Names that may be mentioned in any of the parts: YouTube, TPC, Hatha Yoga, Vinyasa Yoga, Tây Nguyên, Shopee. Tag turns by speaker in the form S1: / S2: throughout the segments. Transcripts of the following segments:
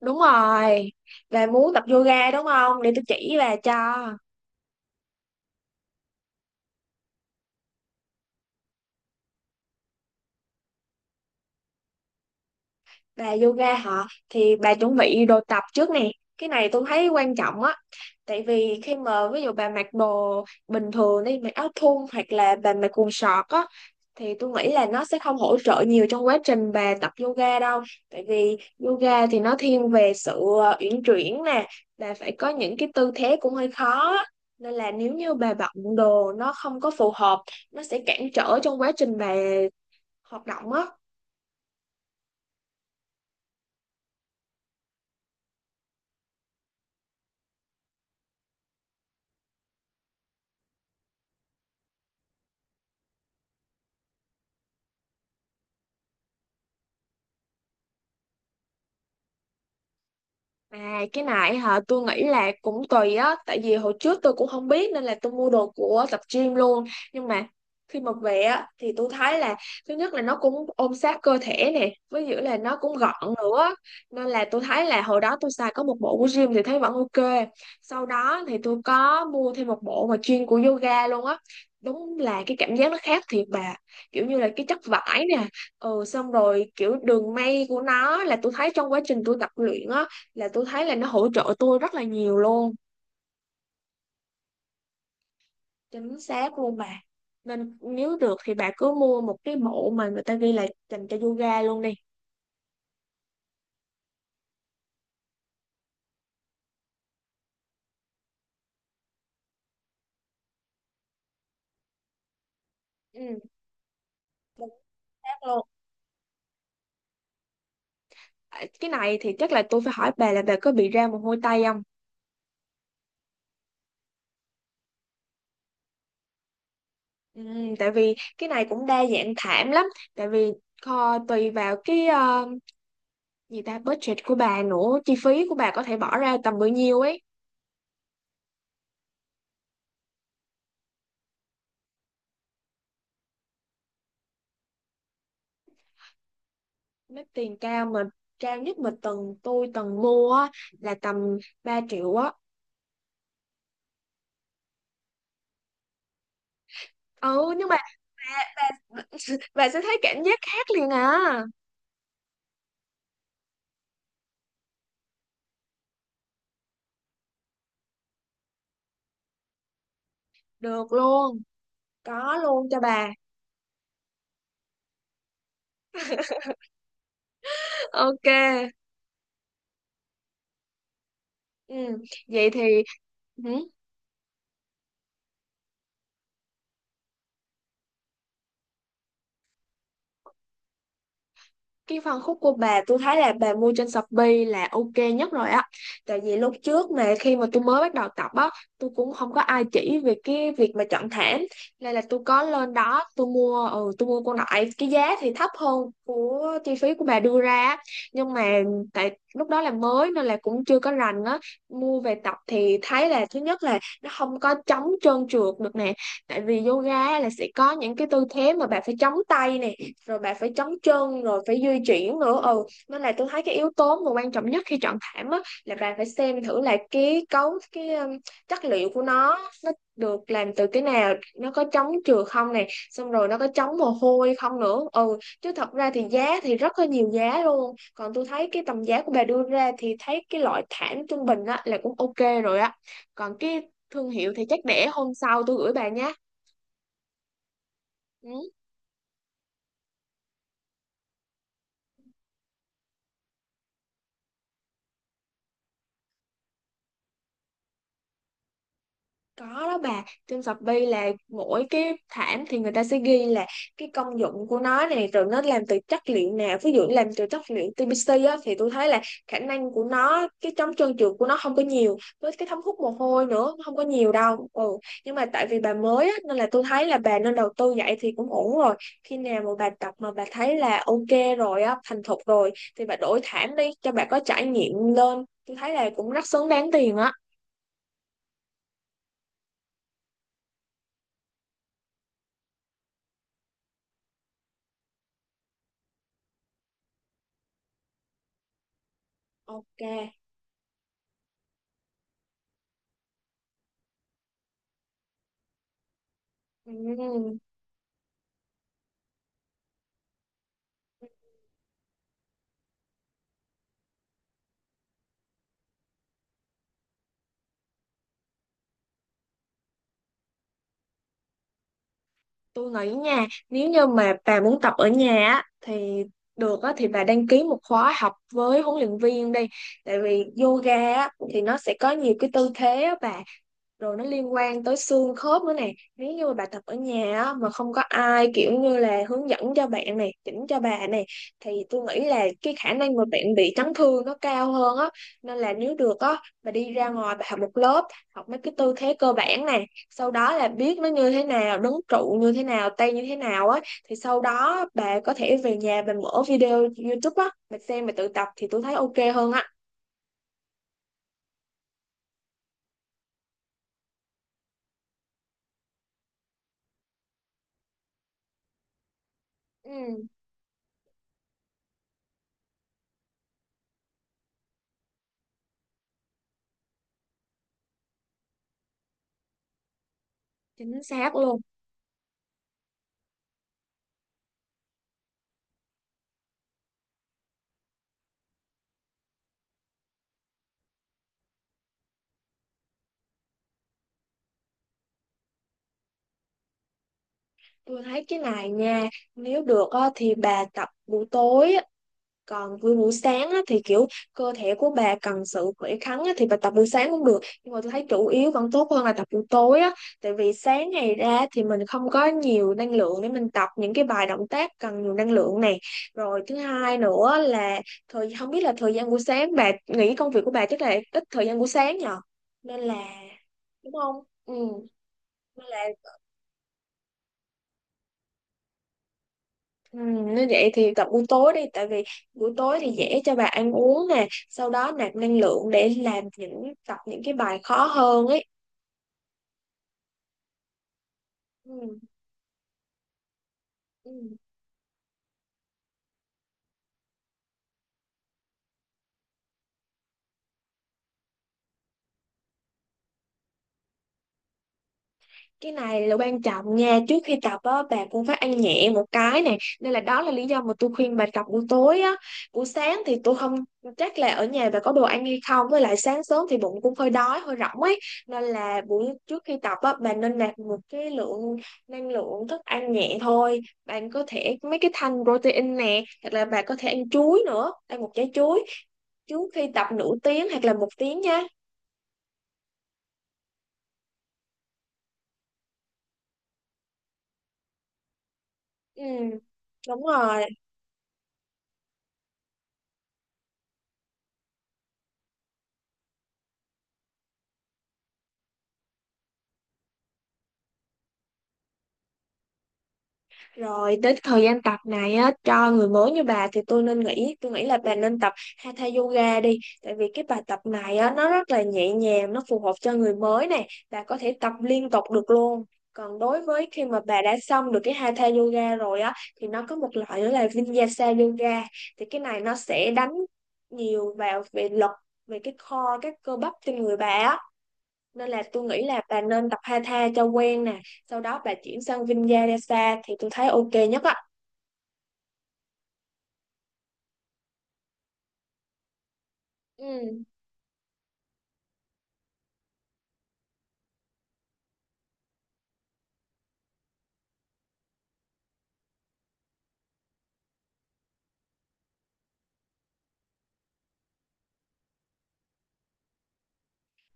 S1: Đúng rồi, về muốn tập yoga đúng không? Để tôi chỉ bà cho. Bà yoga họ thì bà chuẩn bị đồ tập trước nè, cái này tôi thấy quan trọng á. Tại vì khi mà ví dụ bà mặc đồ bình thường đi, mặc áo thun hoặc là bà mặc quần sọt á thì tôi nghĩ là nó sẽ không hỗ trợ nhiều trong quá trình bà tập yoga đâu. Tại vì yoga thì nó thiên về sự uyển chuyển nè, bà phải có những cái tư thế cũng hơi khó á. Nên là nếu như bà bận đồ nó không có phù hợp, nó sẽ cản trở trong quá trình bà hoạt động á. À, cái này hả, tôi nghĩ là cũng tùy á, tại vì hồi trước tôi cũng không biết nên là tôi mua đồ của tập gym luôn. Nhưng mà khi mà về á thì tôi thấy là thứ nhất là nó cũng ôm sát cơ thể nè, với giữa là nó cũng gọn nữa, nên là tôi thấy là hồi đó tôi xài có một bộ của gym thì thấy vẫn ok. Sau đó thì tôi có mua thêm một bộ mà chuyên của yoga luôn á, đúng là cái cảm giác nó khác thiệt bà, kiểu như là cái chất vải nè, ừ, xong rồi kiểu đường may của nó, là tôi thấy trong quá trình tôi tập luyện á, là tôi thấy là nó hỗ trợ tôi rất là nhiều luôn. Chính xác luôn bà, nên nếu được thì bà cứ mua một cái bộ mà người ta ghi là dành cho yoga luôn đi. Ừ, chính xác luôn. À, cái này thì chắc là tôi phải hỏi bà là bà có bị ra mồ hôi tay không. Ừ, tại vì cái này cũng đa dạng thảm lắm, tại vì tùy vào cái ờ, gì ta budget của bà nữa, chi phí của bà có thể bỏ ra tầm bao nhiêu ấy. Mấy tiền cao mà cao nhất mà tôi từng mua á, là tầm 3 triệu á. Ừ, nhưng mà bà, bà sẽ thấy cảm giác khác liền à. Được luôn, có luôn cho bà. Ok. Ừ, vậy thì ừ. Cái phân khúc của bà, tôi thấy là bà mua trên Shopee là ok nhất rồi á. Tại vì lúc trước mà khi mà tôi mới bắt đầu tập á, tôi cũng không có ai chỉ về cái việc mà chọn thảm, nên là tôi có lên đó tôi mua, ừ, tôi mua con đại, cái giá thì thấp hơn của chi phí của bà đưa ra á. Nhưng mà tại lúc đó là mới nên là cũng chưa có rành á, mua về tập thì thấy là thứ nhất là nó không có chống trơn trượt được nè. Tại vì yoga là sẽ có những cái tư thế mà bà phải chống tay nè, rồi bạn phải trấn chân rồi phải di chuyển nữa. Ừ, nên là tôi thấy cái yếu tố mà quan trọng nhất khi chọn thảm á là bạn phải xem thử là cái cấu cái chất liệu của nó được làm từ cái nào, nó có chống trượt không này, xong rồi nó có chống mồ hôi không nữa. Ừ, chứ thật ra thì giá thì rất là nhiều giá luôn. Còn tôi thấy cái tầm giá của bà đưa ra thì thấy cái loại thảm trung bình á là cũng ok rồi á. Còn cái thương hiệu thì chắc để hôm sau tôi gửi bà nhé. Ừ. Có đó bà, trên Shopee là mỗi cái thảm thì người ta sẽ ghi là cái công dụng của nó này, rồi nó làm từ chất liệu nào. Ví dụ làm từ chất liệu TPC á, thì tôi thấy là khả năng của nó, cái chống trơn trượt của nó không có nhiều. Với cái thấm hút mồ hôi nữa, không có nhiều đâu. Ừ. Nhưng mà tại vì bà mới á, nên là tôi thấy là bà nên đầu tư vậy thì cũng ổn rồi. Khi nào mà bà tập mà bà thấy là ok rồi á, thành thục rồi thì bà đổi thảm đi cho bà có trải nghiệm lên. Tôi thấy là cũng rất xứng đáng tiền á. Ok. Ừ. Tôi nghĩ nha, nếu như mà bà muốn tập ở nhà á, thì được á, thì bà đăng ký một khóa học với huấn luyện viên đi. Tại vì yoga á, thì nó sẽ có nhiều cái tư thế á bà, rồi nó liên quan tới xương khớp nữa nè. Nếu như mà bà tập ở nhà á, mà không có ai kiểu như là hướng dẫn cho bạn này, chỉnh cho bà này, thì tôi nghĩ là cái khả năng mà bạn bị chấn thương nó cao hơn á. Nên là nếu được á, bà đi ra ngoài bà học một lớp, học mấy cái tư thế cơ bản nè, sau đó là biết nó như thế nào, đứng trụ như thế nào, tay như thế nào á, thì sau đó bà có thể về nhà bà mở video YouTube á, bà xem bà tự tập thì tôi thấy ok hơn á. Ừ, chính xác luôn. Tôi thấy cái này nha, nếu được á, thì bà tập buổi tối á. Còn buổi buổi sáng á, thì kiểu cơ thể của bà cần sự khỏe khoắn á, thì bà tập buổi sáng cũng được. Nhưng mà tôi thấy chủ yếu vẫn tốt hơn là tập buổi tối á, tại vì sáng ngày ra thì mình không có nhiều năng lượng để mình tập những cái bài động tác cần nhiều năng lượng này. Rồi thứ hai nữa là không biết là thời gian buổi sáng, bà nghĩ công việc của bà chắc là ít thời gian buổi sáng nhờ. Nên là đúng không? Ừ. Nên là, ừ, nếu vậy thì tập buổi tối đi, tại vì buổi tối thì dễ cho bà ăn uống nè, sau đó nạp năng lượng để làm, tập những cái bài khó hơn ấy. Ừ. Ừ. Cái này là quan trọng nha, trước khi tập á bà cũng phải ăn nhẹ một cái nè, nên là đó là lý do mà tôi khuyên bà tập buổi tối á. Buổi sáng thì tôi không chắc là ở nhà bà có đồ ăn hay không, với lại sáng sớm thì bụng cũng hơi đói hơi rỗng ấy. Nên là buổi trước khi tập á, bà nên nạp một cái lượng năng lượng thức ăn nhẹ thôi. Bạn có thể mấy cái thanh protein nè, hoặc là bà có thể ăn chuối nữa, ăn một trái chuối trước khi tập nửa tiếng hoặc là một tiếng nha. Ừ, đúng rồi. Rồi đến thời gian tập này á, cho người mới như bà thì tôi nghĩ là bà nên tập Hatha Yoga đi. Tại vì cái bài tập này á, nó rất là nhẹ nhàng, nó phù hợp cho người mới nè. Bà có thể tập liên tục được luôn. Còn đối với khi mà bà đã xong được cái Hatha Yoga rồi á, thì nó có một loại nữa là Vinyasa Yoga. Thì cái này nó sẽ đánh nhiều vào về lực, về cái core, các cơ bắp trên người bà á, nên là tôi nghĩ là bà nên tập Hatha cho quen nè, sau đó bà chuyển sang Vinyasa thì tôi thấy ok nhất á. Ừ.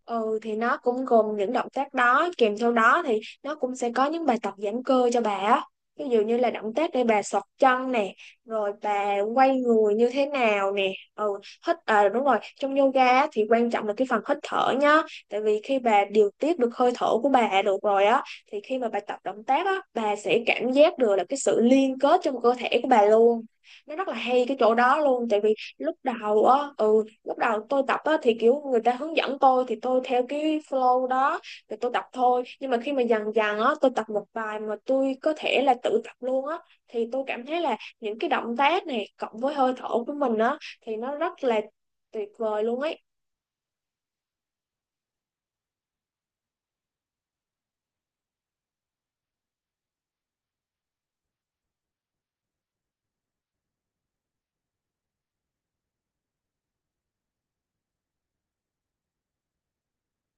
S1: Ừ thì nó cũng gồm những động tác đó, kèm theo đó thì nó cũng sẽ có những bài tập giãn cơ cho bà á. Ví dụ như là động tác để bà xọt chân nè, rồi bà quay người như thế nào nè. Ừ, hít à, đúng rồi, trong yoga á, thì quan trọng là cái phần hít thở nhá. Tại vì khi bà điều tiết được hơi thở của bà được rồi á, thì khi mà bà tập động tác á, bà sẽ cảm giác được là cái sự liên kết trong cơ thể của bà luôn. Nó rất là hay cái chỗ đó luôn, tại vì lúc đầu á, ừ, lúc đầu tôi tập á, thì kiểu người ta hướng dẫn tôi thì tôi theo cái flow đó thì tôi tập thôi. Nhưng mà khi mà dần dần á, tôi tập một bài mà tôi có thể là tự tập luôn á, thì tôi cảm thấy là những cái động tác này cộng với hơi thở của mình á, thì nó rất là tuyệt vời luôn ấy.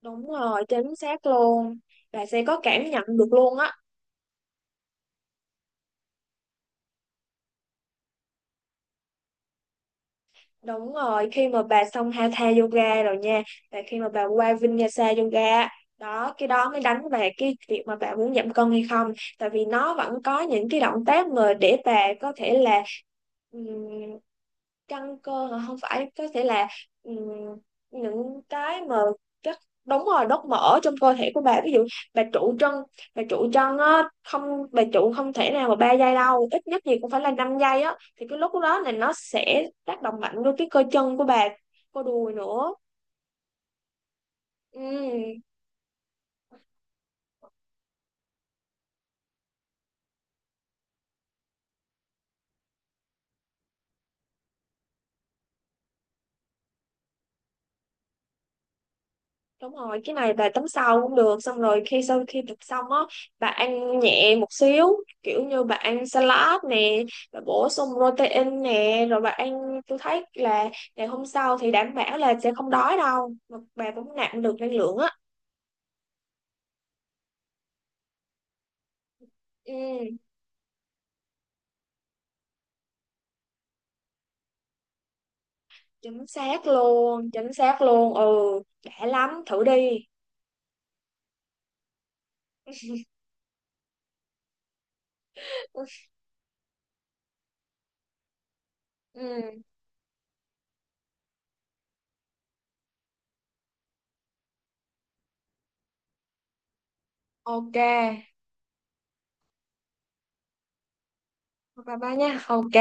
S1: Đúng rồi, chính xác luôn, là sẽ có cảm nhận được luôn á. Đúng rồi, khi mà bà xong Hatha Yoga rồi nha, và khi mà bà qua Vinyasa Yoga, đó, cái đó mới đánh về cái việc mà bà muốn giảm cân hay không. Tại vì nó vẫn có những cái động tác mà để bà có thể là căng cơ hả? Không, phải có thể là ừm, những cái mà các, đúng rồi, đốt mỡ trong cơ thể của bà. Ví dụ bà trụ chân, bà trụ chân á không bà trụ không thể nào mà 3 giây đâu, ít nhất gì cũng phải là 5 giây á, thì cái lúc đó là nó sẽ tác động mạnh vô cái cơ chân của bà, cơ đùi nữa. Ừ. Đúng rồi, cái này bà tắm sau cũng được. Xong rồi khi sau khi tập xong á, bà ăn nhẹ một xíu, kiểu như bà ăn salad nè, bà bổ sung protein nè, rồi bà ăn, tôi thấy là ngày hôm sau thì đảm bảo là sẽ không đói đâu, mà bà cũng nạp được năng lượng á. Ừ, chính xác luôn. Chính xác luôn, ừ. Đã lắm, thử đi. Ừ, ok. Bye bye nha, ok.